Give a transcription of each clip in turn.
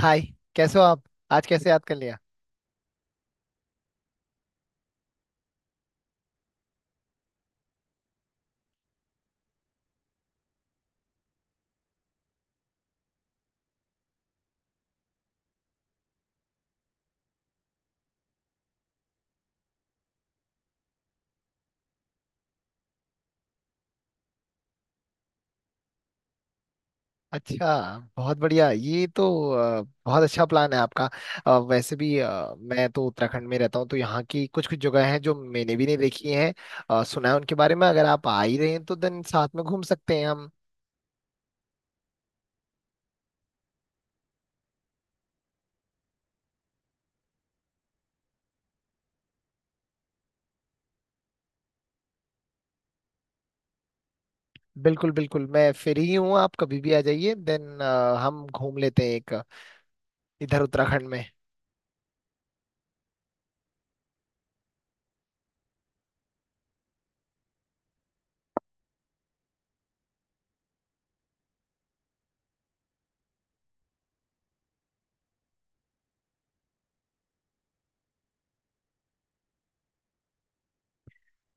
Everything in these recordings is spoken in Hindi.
हाय। कैसे हो आप? आज कैसे याद कर लिया? अच्छा। बहुत बढ़िया ये तो बहुत अच्छा प्लान है आपका। वैसे भी मैं तो उत्तराखंड में रहता हूँ, तो यहाँ की कुछ कुछ जगह हैं जो मैंने भी नहीं देखी हैं। सुना है उनके बारे में। अगर आप आ ही रहे हैं तो देन साथ में घूम सकते हैं हम। बिल्कुल बिल्कुल, मैं फ्री ही हूँ। आप कभी भी आ जाइए, देन हम घूम लेते हैं एक इधर उत्तराखंड में।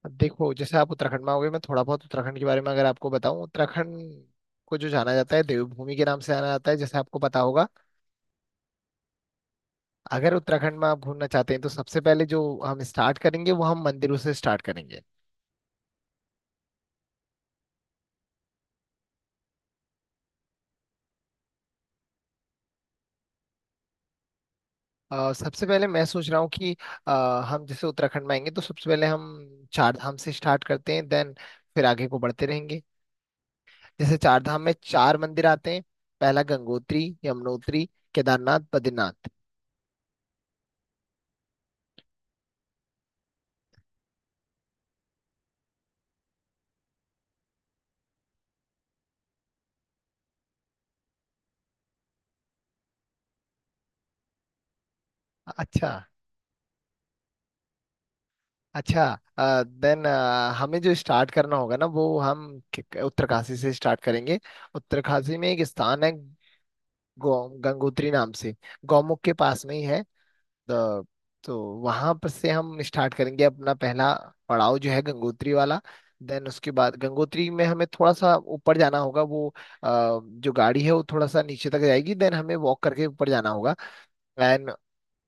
देखो, जैसे आप उत्तराखंड में आओगे, मैं थोड़ा बहुत उत्तराखंड के बारे में अगर आपको बताऊं। उत्तराखंड को जो जाना जाता है, देवभूमि के नाम से जाना जाता है, जैसे आपको पता होगा। अगर उत्तराखंड में आप घूमना चाहते हैं, तो सबसे पहले जो हम स्टार्ट करेंगे वो हम मंदिरों से स्टार्ट करेंगे। सबसे पहले मैं सोच रहा हूँ कि अ, हम जैसे उत्तराखंड में आएंगे तो सबसे पहले हम चार धाम से स्टार्ट करते हैं, देन फिर आगे को बढ़ते रहेंगे। जैसे चार धाम में चार मंदिर आते हैं। पहला गंगोत्री, यमुनोत्री, केदारनाथ, बद्रीनाथ। अच्छा, अच्छा। देन हमें जो स्टार्ट करना होगा ना, वो हम उत्तरकाशी से स्टार्ट करेंगे। उत्तरकाशी में एक स्थान है गंगोत्री नाम से, गौमुख के पास में ही है। तो, तो वहां पर से हम स्टार्ट करेंगे अपना पहला पड़ाव जो है गंगोत्री वाला। देन उसके बाद गंगोत्री में हमें थोड़ा सा ऊपर जाना होगा। वो जो गाड़ी है वो थोड़ा सा नीचे तक जाएगी, देन हमें वॉक करके ऊपर जाना होगा। एंड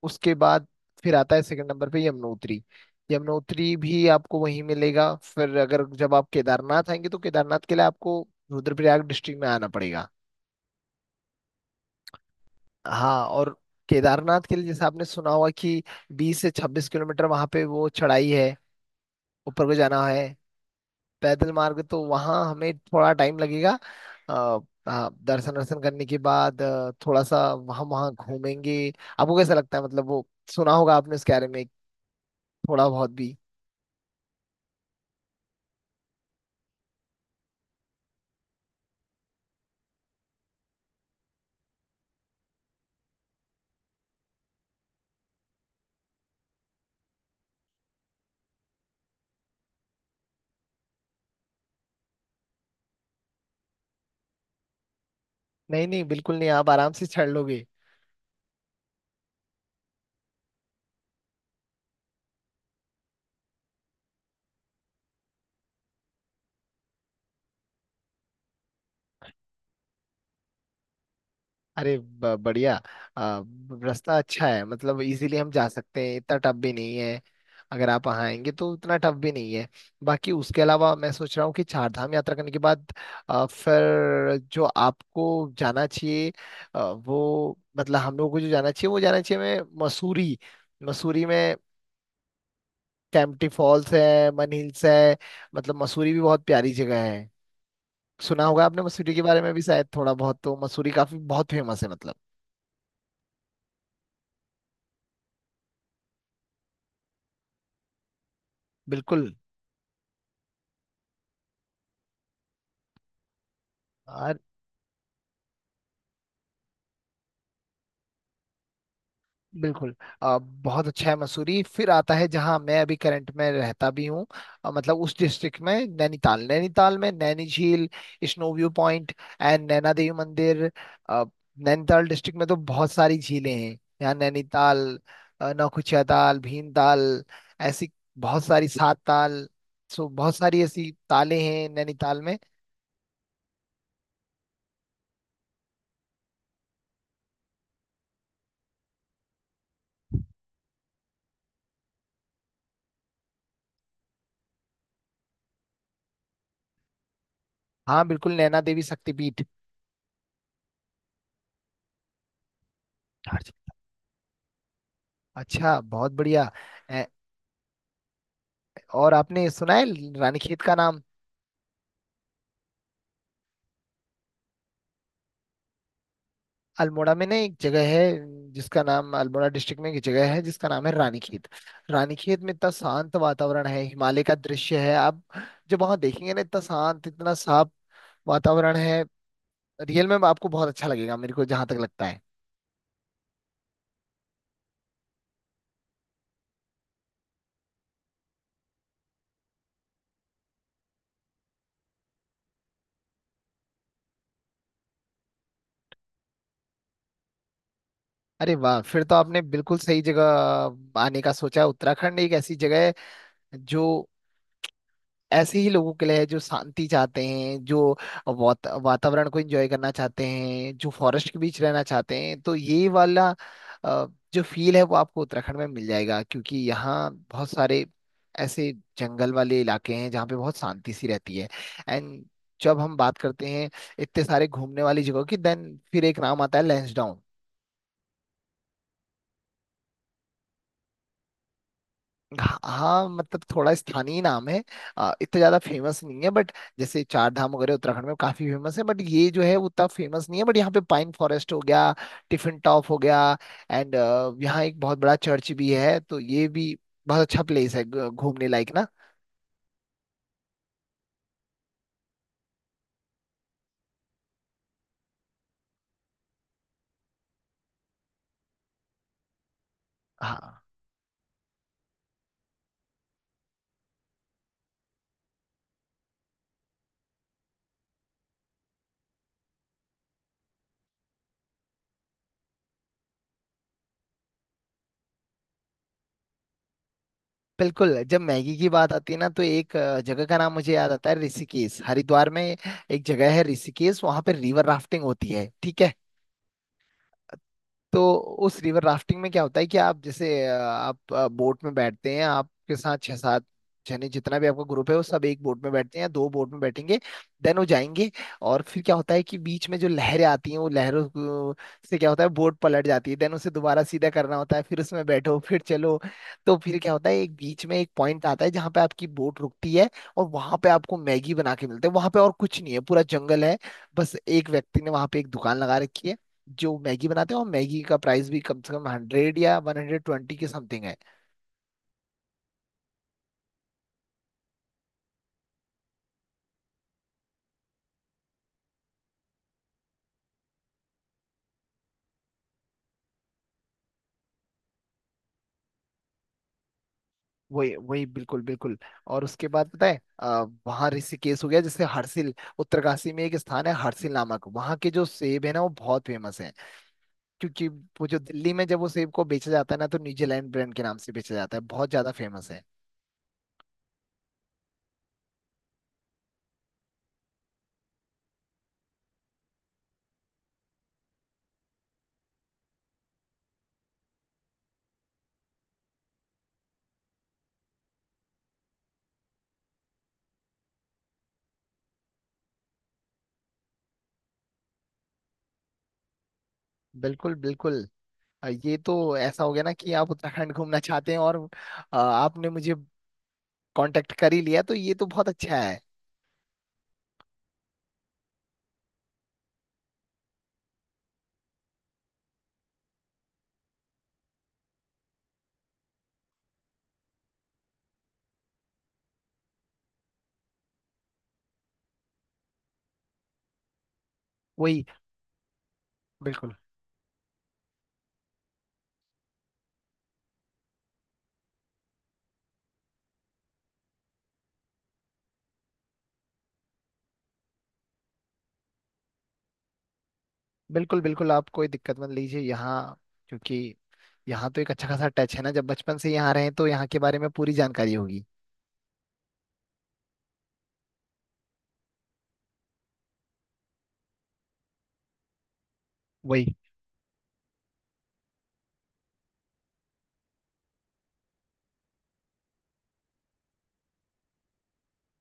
उसके बाद फिर आता है सेकंड नंबर पे यमुनोत्री। यमुनोत्री भी आपको वहीं मिलेगा। फिर अगर जब आप केदारनाथ आएंगे, तो केदारनाथ के लिए आपको रुद्रप्रयाग डिस्ट्रिक्ट में आना पड़ेगा। हाँ, और केदारनाथ के लिए जैसे आपने सुना होगा कि 20 से 26 किलोमीटर वहां पे वो चढ़ाई है, ऊपर को जाना है, पैदल मार्ग, तो वहाँ हमें थोड़ा टाइम लगेगा। अ, हाँ, दर्शन वर्शन करने के बाद थोड़ा सा वहाँ वहाँ घूमेंगे। आपको कैसा लगता है? मतलब वो सुना होगा आपने उसके बारे में, थोड़ा बहुत भी? नहीं नहीं, बिल्कुल नहीं, आप आराम से चढ़ लोगे। अरे, बढ़िया। आ, रास्ता अच्छा है, मतलब इजीली हम जा सकते हैं, इतना टफ भी नहीं है। अगर आप वहाँ आएंगे तो इतना टफ भी नहीं है। बाकी उसके अलावा मैं सोच रहा हूँ कि चार धाम यात्रा करने के बाद फिर जो आपको जाना चाहिए, वो मतलब हम लोगों को जो जाना चाहिए वो जाना चाहिए, मैं मसूरी। मसूरी में कैंपटी फॉल्स है, मन हिल्स है, मतलब मसूरी भी बहुत प्यारी जगह है। सुना होगा आपने मसूरी के बारे में भी, शायद थोड़ा बहुत। तो मसूरी काफी बहुत फेमस है, मतलब। बिल्कुल बिल्कुल। बहुत अच्छा है मसूरी। फिर आता है जहाँ मैं अभी करंट में रहता भी हूँ, मतलब उस डिस्ट्रिक्ट में, नैनीताल। नैनीताल में नैनी झील, snow view point, and Naina Devi मंदिर। अ, नैनीताल डिस्ट्रिक्ट में तो बहुत सारी झीलें हैं, यहाँ नैनीताल, नौकुचिया ताल, भीमताल, ऐसी बहुत सारी, सात ताल, सो बहुत सारी ऐसी ताले हैं नैनीताल में। हाँ बिल्कुल, नैना देवी शक्तिपीठ। अच्छा, बहुत बढ़िया। ए, और आपने सुना है रानीखेत का नाम? अल्मोड़ा में ना एक जगह है जिसका नाम, अल्मोड़ा डिस्ट्रिक्ट में एक जगह है जिसका नाम है रानीखेत। रानीखेत में इतना शांत वातावरण है, हिमालय का दृश्य है। आप जब वहां देखेंगे ना, इतना शांत, इतना साफ वातावरण है, रियल में आपको बहुत अच्छा लगेगा, मेरे को जहां तक लगता है। अरे वाह, फिर तो आपने बिल्कुल सही जगह आने का सोचा है। उत्तराखंड एक ऐसी जगह है जो ऐसे ही लोगों के लिए है, जो शांति चाहते हैं, जो वातावरण को एंजॉय करना चाहते हैं, जो फॉरेस्ट के बीच रहना चाहते हैं। तो ये वाला अ, जो फील है वो आपको उत्तराखंड में मिल जाएगा, क्योंकि यहाँ बहुत सारे ऐसे जंगल वाले इलाके हैं जहाँ पे बहुत शांति सी रहती है। एंड जब हम बात करते हैं इतने सारे घूमने वाली जगहों की, देन फिर एक नाम आता है लैंसडाउन। हाँ, मतलब थोड़ा स्थानीय नाम है, इतना ज्यादा फेमस नहीं है, बट जैसे चार धाम वगैरह उत्तराखंड में काफी फेमस है, बट ये जो है वो उतना फेमस नहीं है। बट यहाँ पे पाइन फॉरेस्ट हो गया, टिफिन टॉप हो गया, एंड यहाँ एक बहुत बड़ा चर्च भी है, तो ये भी बहुत अच्छा प्लेस है, घूमने लायक ना। हाँ बिल्कुल, जब मैगी की बात आती है ना, तो एक जगह का नाम मुझे याद आता है, ऋषिकेश। हरिद्वार में एक जगह है ऋषिकेश, वहां पे रिवर राफ्टिंग होती है, ठीक है। तो उस रिवर राफ्टिंग में क्या होता है कि आप जैसे आप बोट में बैठते हैं, आपके साथ छह सात जने, जितना भी आपका ग्रुप है, वो सब एक बोट में बैठते हैं, दो बोट में बैठेंगे, देन वो जाएंगे। और फिर क्या होता है कि बीच में जो लहरें आती हैं, वो से क्या होता है, बोट पलट जाती है, देन उसे दोबारा सीधा करना होता है, फिर उसमें बैठो फिर चलो। तो फिर क्या होता है, एक बीच में एक पॉइंट आता है जहाँ पे आपकी बोट रुकती है, और वहां पे आपको मैगी बना के मिलते हैं। वहां पे और कुछ नहीं है, पूरा जंगल है, बस एक व्यक्ति ने वहां पे एक दुकान लगा रखी है जो मैगी बनाते हैं। और मैगी का प्राइस भी कम से कम 100 या 120 के समथिंग है। वही वही, बिल्कुल बिल्कुल। और उसके बाद पता है वहाँ ऋषिकेश हो गया, जैसे हरसिल, उत्तरकाशी में एक स्थान है हरसिल नामक, वहाँ के जो सेब है ना वो बहुत फेमस है। क्योंकि वो जो दिल्ली में जब वो सेब को बेचा जाता है ना, तो न्यूजीलैंड ब्रांड के नाम से बेचा जाता है, बहुत ज्यादा फेमस है। बिल्कुल बिल्कुल। ये तो ऐसा हो गया ना कि आप उत्तराखंड घूमना चाहते हैं, और आपने मुझे कांटेक्ट कर ही लिया, तो ये तो बहुत अच्छा है। वही। बिल्कुल बिल्कुल, बिल्कुल आप कोई दिक्कत मत लीजिए यहाँ, क्योंकि यहाँ तो एक अच्छा खासा टच है ना, जब बचपन से यहाँ रहे हैं तो यहाँ के बारे में पूरी जानकारी होगी। वही।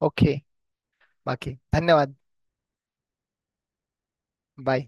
ओके, बाकी धन्यवाद। बाय।